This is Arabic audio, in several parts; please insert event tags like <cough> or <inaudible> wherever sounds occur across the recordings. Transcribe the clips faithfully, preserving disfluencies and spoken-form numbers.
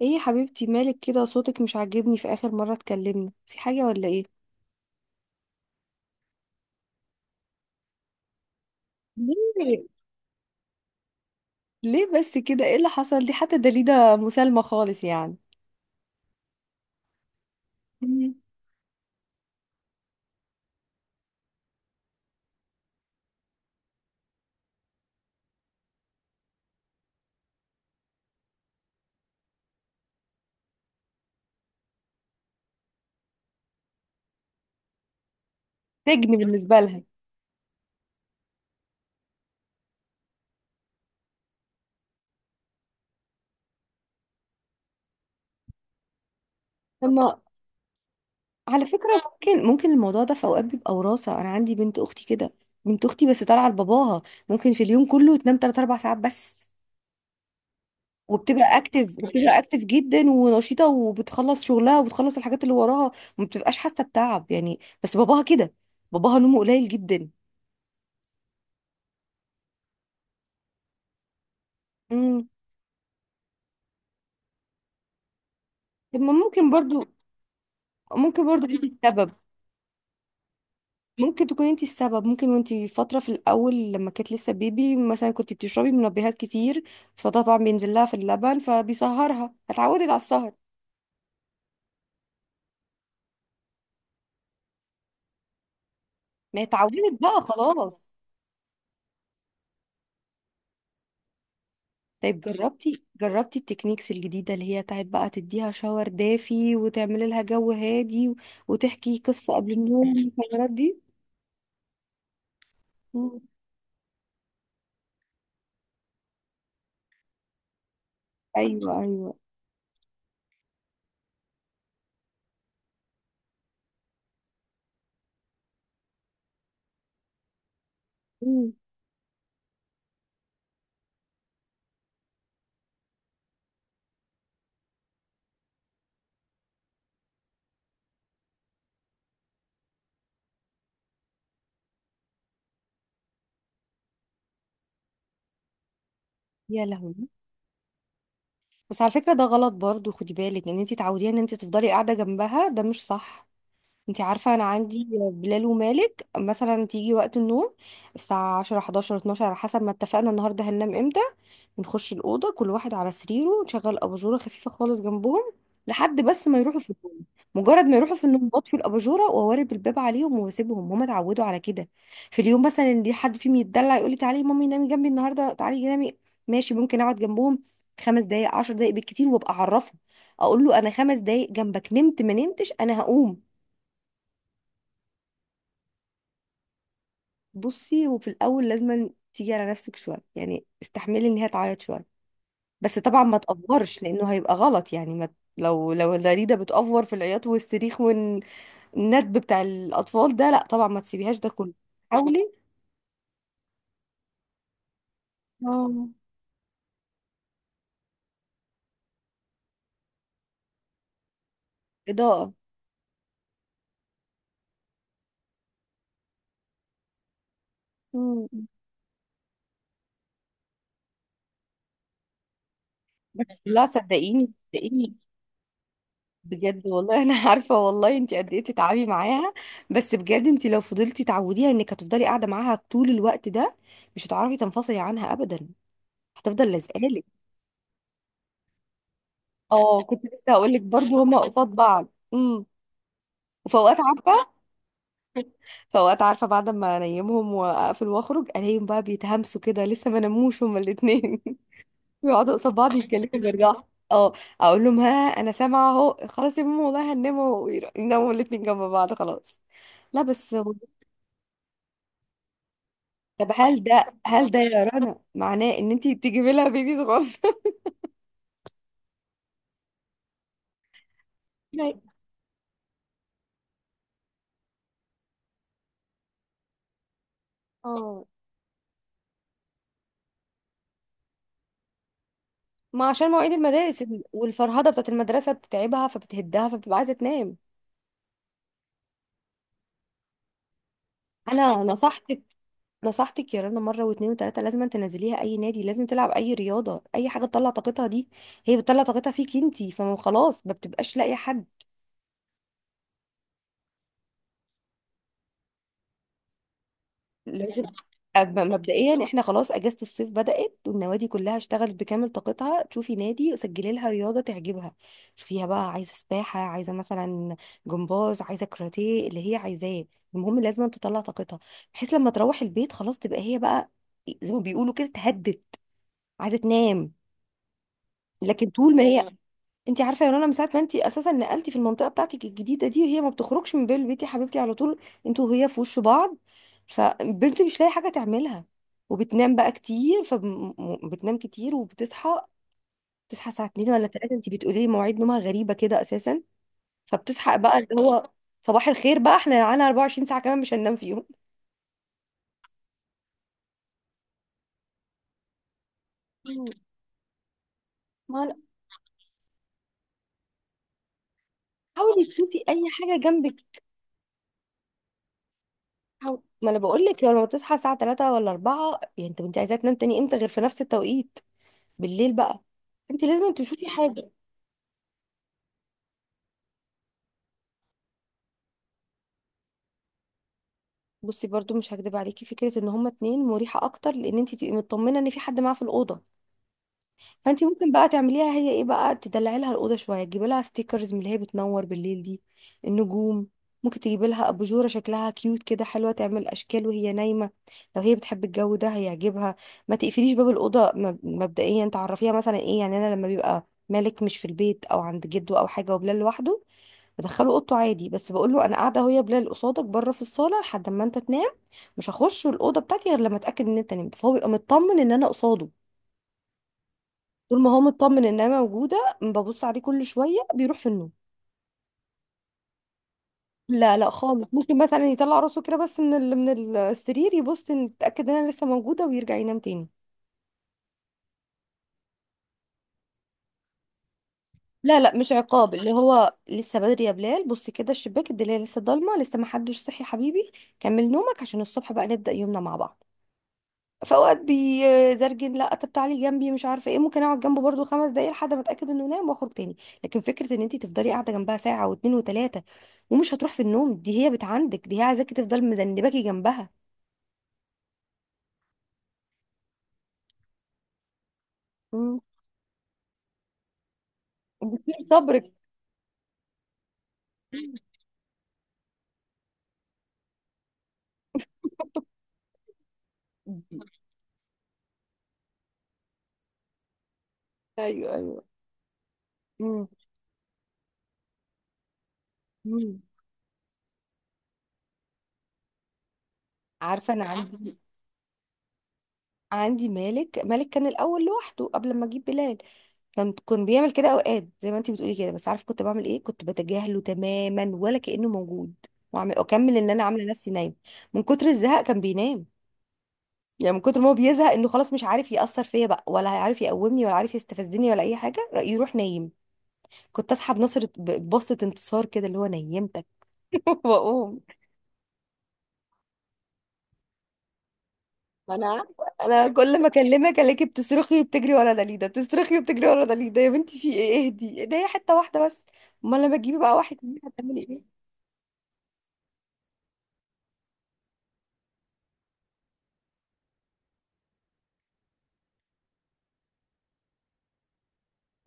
ايه يا حبيبتي؟ مالك كده؟ صوتك مش عاجبني، في اخر مرة اتكلمنا في حاجة ولا ايه؟ ليه؟ ليه بس كده؟ ايه اللي حصل؟ دي حتى دليدة مسالمة خالص يعني. مم. سجن بالنسبة لها. اما، على فكرة، ممكن ممكن الموضوع ده في اوقات بيبقى وراثة. انا عندي بنت اختي كده، بنت اختي بس طالعة لباباها. ممكن في اليوم كله تنام تلات 4 ساعات بس. وبتبقى اكتف وبتبقى اكتف جدا ونشيطة، وبتخلص شغلها، وبتخلص الحاجات اللي وراها. وما بتبقاش حاسة بتعب يعني، بس باباها كده. باباها نومه قليل جدا. طب ما ممكن برضو، ممكن برضو انت السبب. ممكن تكون انت السبب، ممكن. وانت فترة في الأول لما كانت لسه بيبي مثلا كنت بتشربي منبهات كتير. فطبعا بينزل لها في اللبن فبيسهرها، اتعودت على السهر. ما هي اتعودت بقى، خلاص. طيب، جربتي جربتي التكنيكس الجديدة اللي هي بتاعت بقى تديها شاور دافي وتعملي لها جو هادي و- وتحكي قصة قبل النوم والحوارات دي. مم. ايوه ايوه. مم. يا لهوي. بس على فكرة ده غلط برضو، خدي بالك ان انت تعوديها ان انت تفضلي قاعدة جنبها، ده مش صح. انت عارفة انا عندي بلال ومالك، مثلا تيجي وقت النوم، الساعة عشره حداشر اتناشر على حسب ما اتفقنا النهاردة هننام امتى. نخش الأوضة، كل واحد على سريره، نشغل أباجورة خفيفة خالص جنبهم، لحد بس ما يروحوا في النوم. مجرد ما يروحوا في النوم بطفي الأباجورة وأوارب الباب عليهم وأسيبهم، هما اتعودوا على كده. في اليوم مثلا اللي حد فيهم يتدلع يقول لي تعالي يا مامي نامي جنبي النهاردة، تعالي نامي. ماشي، ممكن أقعد جنبهم خمس دقايق عشر دقايق بالكتير، وأبقى أعرفه، أقول له أنا خمس دقايق جنبك، نمت ما نمتش أنا هقوم. بصي، وفي الأول لازم تيجي على نفسك شوية، يعني استحملي إن هي تعيط شوية. بس طبعا ما تأفورش لأنه هيبقى غلط يعني، ما لو لو الداريدة بتأفور في العياط والصريخ والندب بتاع الأطفال ده، لا طبعا ما تسيبيهاش ده كله. حاولي. اه، إضاءة. مم. بس لا، صدقيني، صدقيني بجد والله. <laughs> انا عارفه والله انت قد ايه تتعبي معاها. بس بجد انت لو فضلتي تعوديها انك هتفضلي قاعده معاها طول الوقت ده، مش هتعرفي تنفصلي عنها ابدا. هتفضل لازقالك. اه، كنت لسه هقول لك برضه هما قصاد بعض. امم. وفي اوقات، عارفه، فوقت عارفة بعد ما انيمهم واقفل واخرج الاقيهم بقى بيتهمسوا كده لسه ما ناموش هما الاتنين. <laughs> بيقعدوا قصاد بعض يتكلموا بيرجعوا. اه. اقول لهم ها انا سامعة اهو، خلاص يا ماما والله هنناموا، وير- يناموا الاتنين جنب بعض، خلاص. لا بس هو- <laughs> طب، هل ده هل ده يا رنا معناه ان انتي تجيبي لها بيبي صغير؟ <laughs> لا. اه. ما عشان مواعيد المدارس ال- والفرهدة بتاعت المدرسة بتتعبها فبتهدها فبتبقى عايزة تنام. انا نصحت نصحتك يا رنا مره واتنين وتلاته، لازم تنزليها اي نادي، لازم تلعب اي رياضه، اي حاجه تطلع طاقتها دي. هي بتطلع طاقتها فيك انتي، فما خلاص ما بتبقاش لاقيه حد. لازم. أب- مبدئيا احنا خلاص اجازه الصيف بدات والنوادي كلها اشتغلت بكامل طاقتها، تشوفي نادي سجلي لها رياضه تعجبها. شوفيها بقى، عايزه سباحه، عايزه مثلا جمباز، عايزه كاراتيه، اللي هي عايزاه. المهم لازم تطلع طاقتها، بحيث لما تروح البيت خلاص تبقى هي بقى زي ما بيقولوا كده اتهدت، عايزه تنام. لكن طول ما هي، انت عارفه يا رنا من ساعه ما انت اساسا نقلتي في المنطقه بتاعتك الجديده دي وهي ما بتخرجش من بين البيت يا حبيبتي على طول، انتوا وهي في وش بعض، فبنت مش لاقي حاجه تعملها، وبتنام بقى كتير، فبتنام كتير وبتصحى. تصحى الساعه اتنين ولا تلاته، انت بتقولي لي مواعيد نومها غريبه كده اساسا. فبتصحى بقى اللي هو، صباح الخير بقى، احنا على 24 ساعه كمان مش هننام فيهم. حاولي تشوفي اي حاجه جنبك. حاول- ما انا بقول لك، لما تصحى الساعه تلاته ولا اربعه يعني انت انت عايزه تنام تاني امتى غير في نفس التوقيت؟ بالليل بقى. انت لازم تشوفي حاجه. بصي، برضو مش هكدب عليكي فكره ان هما اتنين مريحه اكتر، لان انت تبقي مطمنه ان في حد معاه في الاوضه. فانت ممكن بقى تعمليها، هي ايه بقى، تدلعي لها الاوضه شويه، تجيبي لها ستيكرز من اللي هي بتنور بالليل دي. النجوم. ممكن تجيبي لها اباجوره شكلها كيوت كده، حلوه، تعمل اشكال وهي نايمه. لو هي بتحب الجو ده هيعجبها. ما تقفليش باب الاوضه. مب- مبدئيا تعرفيها مثلا ايه يعني، انا لما بيبقى مالك مش في البيت او عند جده او حاجه وبلال لوحده، بدخله اوضته عادي، بس بقول له انا قاعده اهو يا بلال قصادك بره في الصاله لحد ما انت تنام. مش هخش الاوضه بتاعتي غير لما اتاكد ان انت نمت، فهو بيبقى مطمن ان انا قصاده. طول ما هو مطمن ان انا موجوده، ببص عليه كل شويه بيروح في النوم. لا، لا خالص. ممكن مثلا يطلع راسه كده بس من ال- من السرير يبص ان يتاكد ان انا لسه موجوده ويرجع ينام تاني. لا، لا مش عقاب، اللي هو لسه بدري يا بلال، بص كده الشباك، الدنيا لسه ضلمه، لسه ما حدش صحي يا حبيبي. كمل نومك عشان الصبح بقى نبدا يومنا مع بعض. فاوقات بيزرجن لا طب تعالي جنبي مش عارفه ايه، ممكن اقعد جنبه برضو خمس دقايق لحد ما اتاكد انه نام واخرج تاني. لكن فكره ان انت تفضلي قاعده جنبها ساعه واتنين وتلاته ومش هتروح في النوم، دي هي بت عندك، دي هي عايزاكي تفضل مذنباكي جنبها. مم. وبتطير صبرك. ايوه ايوه. مم. مم. عارفه، انا عندي، عندي مالك مالك كان الاول لوحده قبل ما اجيب بلال. كان كان بيعمل كده اوقات زي ما انت بتقولي كده، بس عارف كنت بعمل ايه؟ كنت بتجاهله تماما ولا كأنه موجود، واعمل اكمل ان انا عامله نفسي نايمه. من كتر الزهق كان بينام. يعني من كتر ما هو بيزهق انه خلاص مش عارف يأثر فيا بقى ولا هيعرف يقومني ولا عارف يستفزني ولا اي حاجه رأي يروح نايم. كنت اسحب نصر، ب- ببصه انتصار كده اللي هو نيمتك. <laughs> واقوم. انا عارفة. انا كل ما اكلمك الاقيكي بتصرخي وبتجري ورا دليده، بتصرخي وبتجري ورا دليده. يا بنتي في ايه؟ اهدي، إيه ده، هي حته واحده بس. امال لما تجيبي بقى واحد اتنين هتعملي ايه؟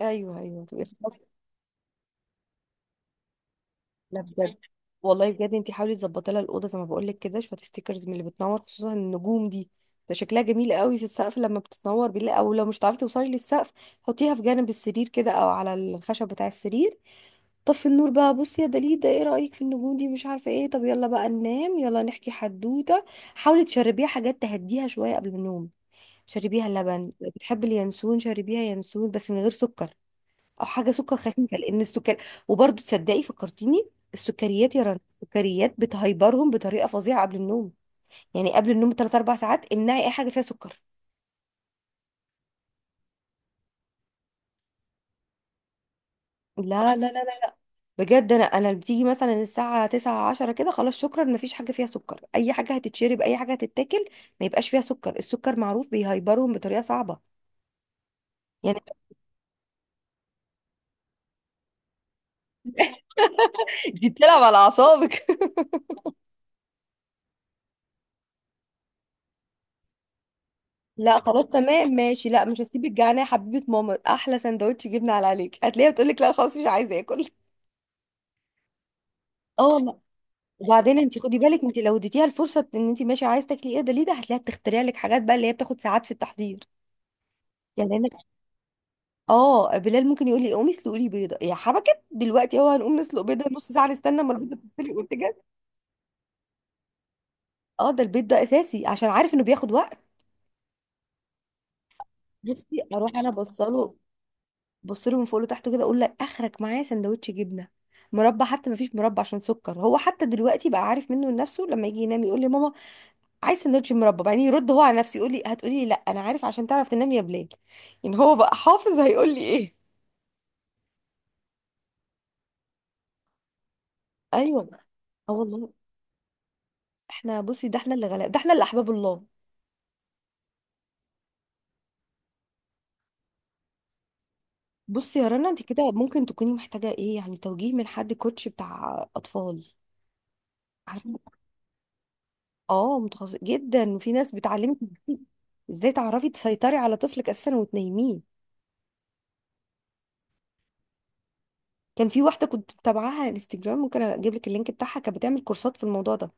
ايوه ايوه تبقي خلاص. لا بجد. والله بجد، انتي حاولي تظبطي لها الاوضه زي ما بقول لك كده، شويه ستيكرز من اللي بتنور، خصوصا النجوم دي. ده شكلها جميل قوي في السقف لما بتتنور بالله، او لو مش هتعرفي توصلي للسقف، حطيها في جانب السرير كده او على الخشب بتاع السرير. طفي النور بقى، بصي يا دليل ده ايه رأيك في النجوم دي مش عارفة ايه، طب يلا بقى ننام، يلا نحكي حدوتة. حاولي تشربيها حاجات تهديها شوية قبل النوم. شربيها لبن، لو بتحبي اليانسون شربيها ينسون، بس من غير سكر، او حاجة سكر خفيفة، لان السكر، وبرضه تصدقي فكرتيني، السكريات يا رنا، السكريات بتهيبرهم بطريقة فظيعة قبل النوم. يعني قبل النوم بثلاث اربع ساعات امنعي اي حاجة فيها سكر. لا لا لا. بجد، انا انا بتيجي مثلا الساعه تسعه عشره كده، خلاص شكرا مفيش حاجه فيها سكر، اي حاجه هتتشرب اي حاجه هتتاكل ما يبقاش فيها سكر، السكر معروف بيهيبرهم بطريقه صعبه. يعني. <laughs> دي بتلعب على اعصابك. <laughs> لا خلاص تمام ماشي، لا مش هسيبك جعانه يا حبيبه ماما، احلى سندوتش جبنه على عليك، هتلاقيها بتقول لك لا خلاص مش عايزه اكل. اه والله. وبعدين انت خدي بالك، انت لو اديتيها الفرصه ان انت ماشي عايزه تاكلي ايه، ده ليه، ده هتلاقيها بتخترع لك حاجات بقى اللي هي بتاخد ساعات في التحضير. يعني انا، اه، بلال ممكن يقول لي قومي اسلقي لي بيضه يا حبكت دلوقتي، اهو هنقوم نسلق بيضه نص ساعه نستنى اما البيضه تتسلق وتجهز. اه، ده البيض ده اساسي عشان عارف انه بياخد وقت. بصي، اروح انا بصله، بصله من فوق لتحت كده، اقول لك اخرك معايا سندوتش جبنه، مربى، حتى ما فيش مربى عشان سكر، هو حتى دلوقتي بقى عارف منه لنفسه، لما يجي ينام يقول لي ماما عايز سندوتش مربى، بعدين يرد هو على نفسه يقول لي هتقولي لي لا، انا عارف عشان تعرف تنام يا بلال. يعني هو بقى حافظ هيقول لي ايه. ايوه. اه والله. احنا، بصي ده احنا اللي غلاب، ده احنا اللي احباب الله. بصي يا رنا، انت كده ممكن تكوني محتاجه ايه يعني، توجيه من حد كوتش بتاع اطفال. عارفه. اه، متخصص جدا، وفي ناس بتعلمك ازاي تعرفي تسيطري على طفلك اساسا وتنيميه. كان في واحده كنت متابعاها على الانستجرام، ممكن اجيب لك اللينك بتاعها، كانت بتعمل كورسات في الموضوع ده.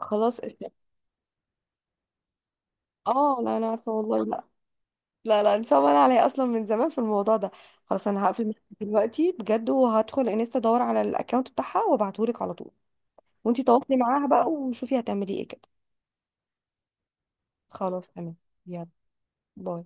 خلاص إيه. اه لا، انا عارفه والله لا. لا لا، انسان انا عليا اصلا من زمان في الموضوع ده. خلاص انا هقفل معاكي دلوقتي بجد، وهدخل انستا ادور على الاكونت بتاعها وابعته لك على طول. وانتي تواصلي معاها بقى وشوفي هتعملي ايه كده. خلاص تمام. يلا، باي.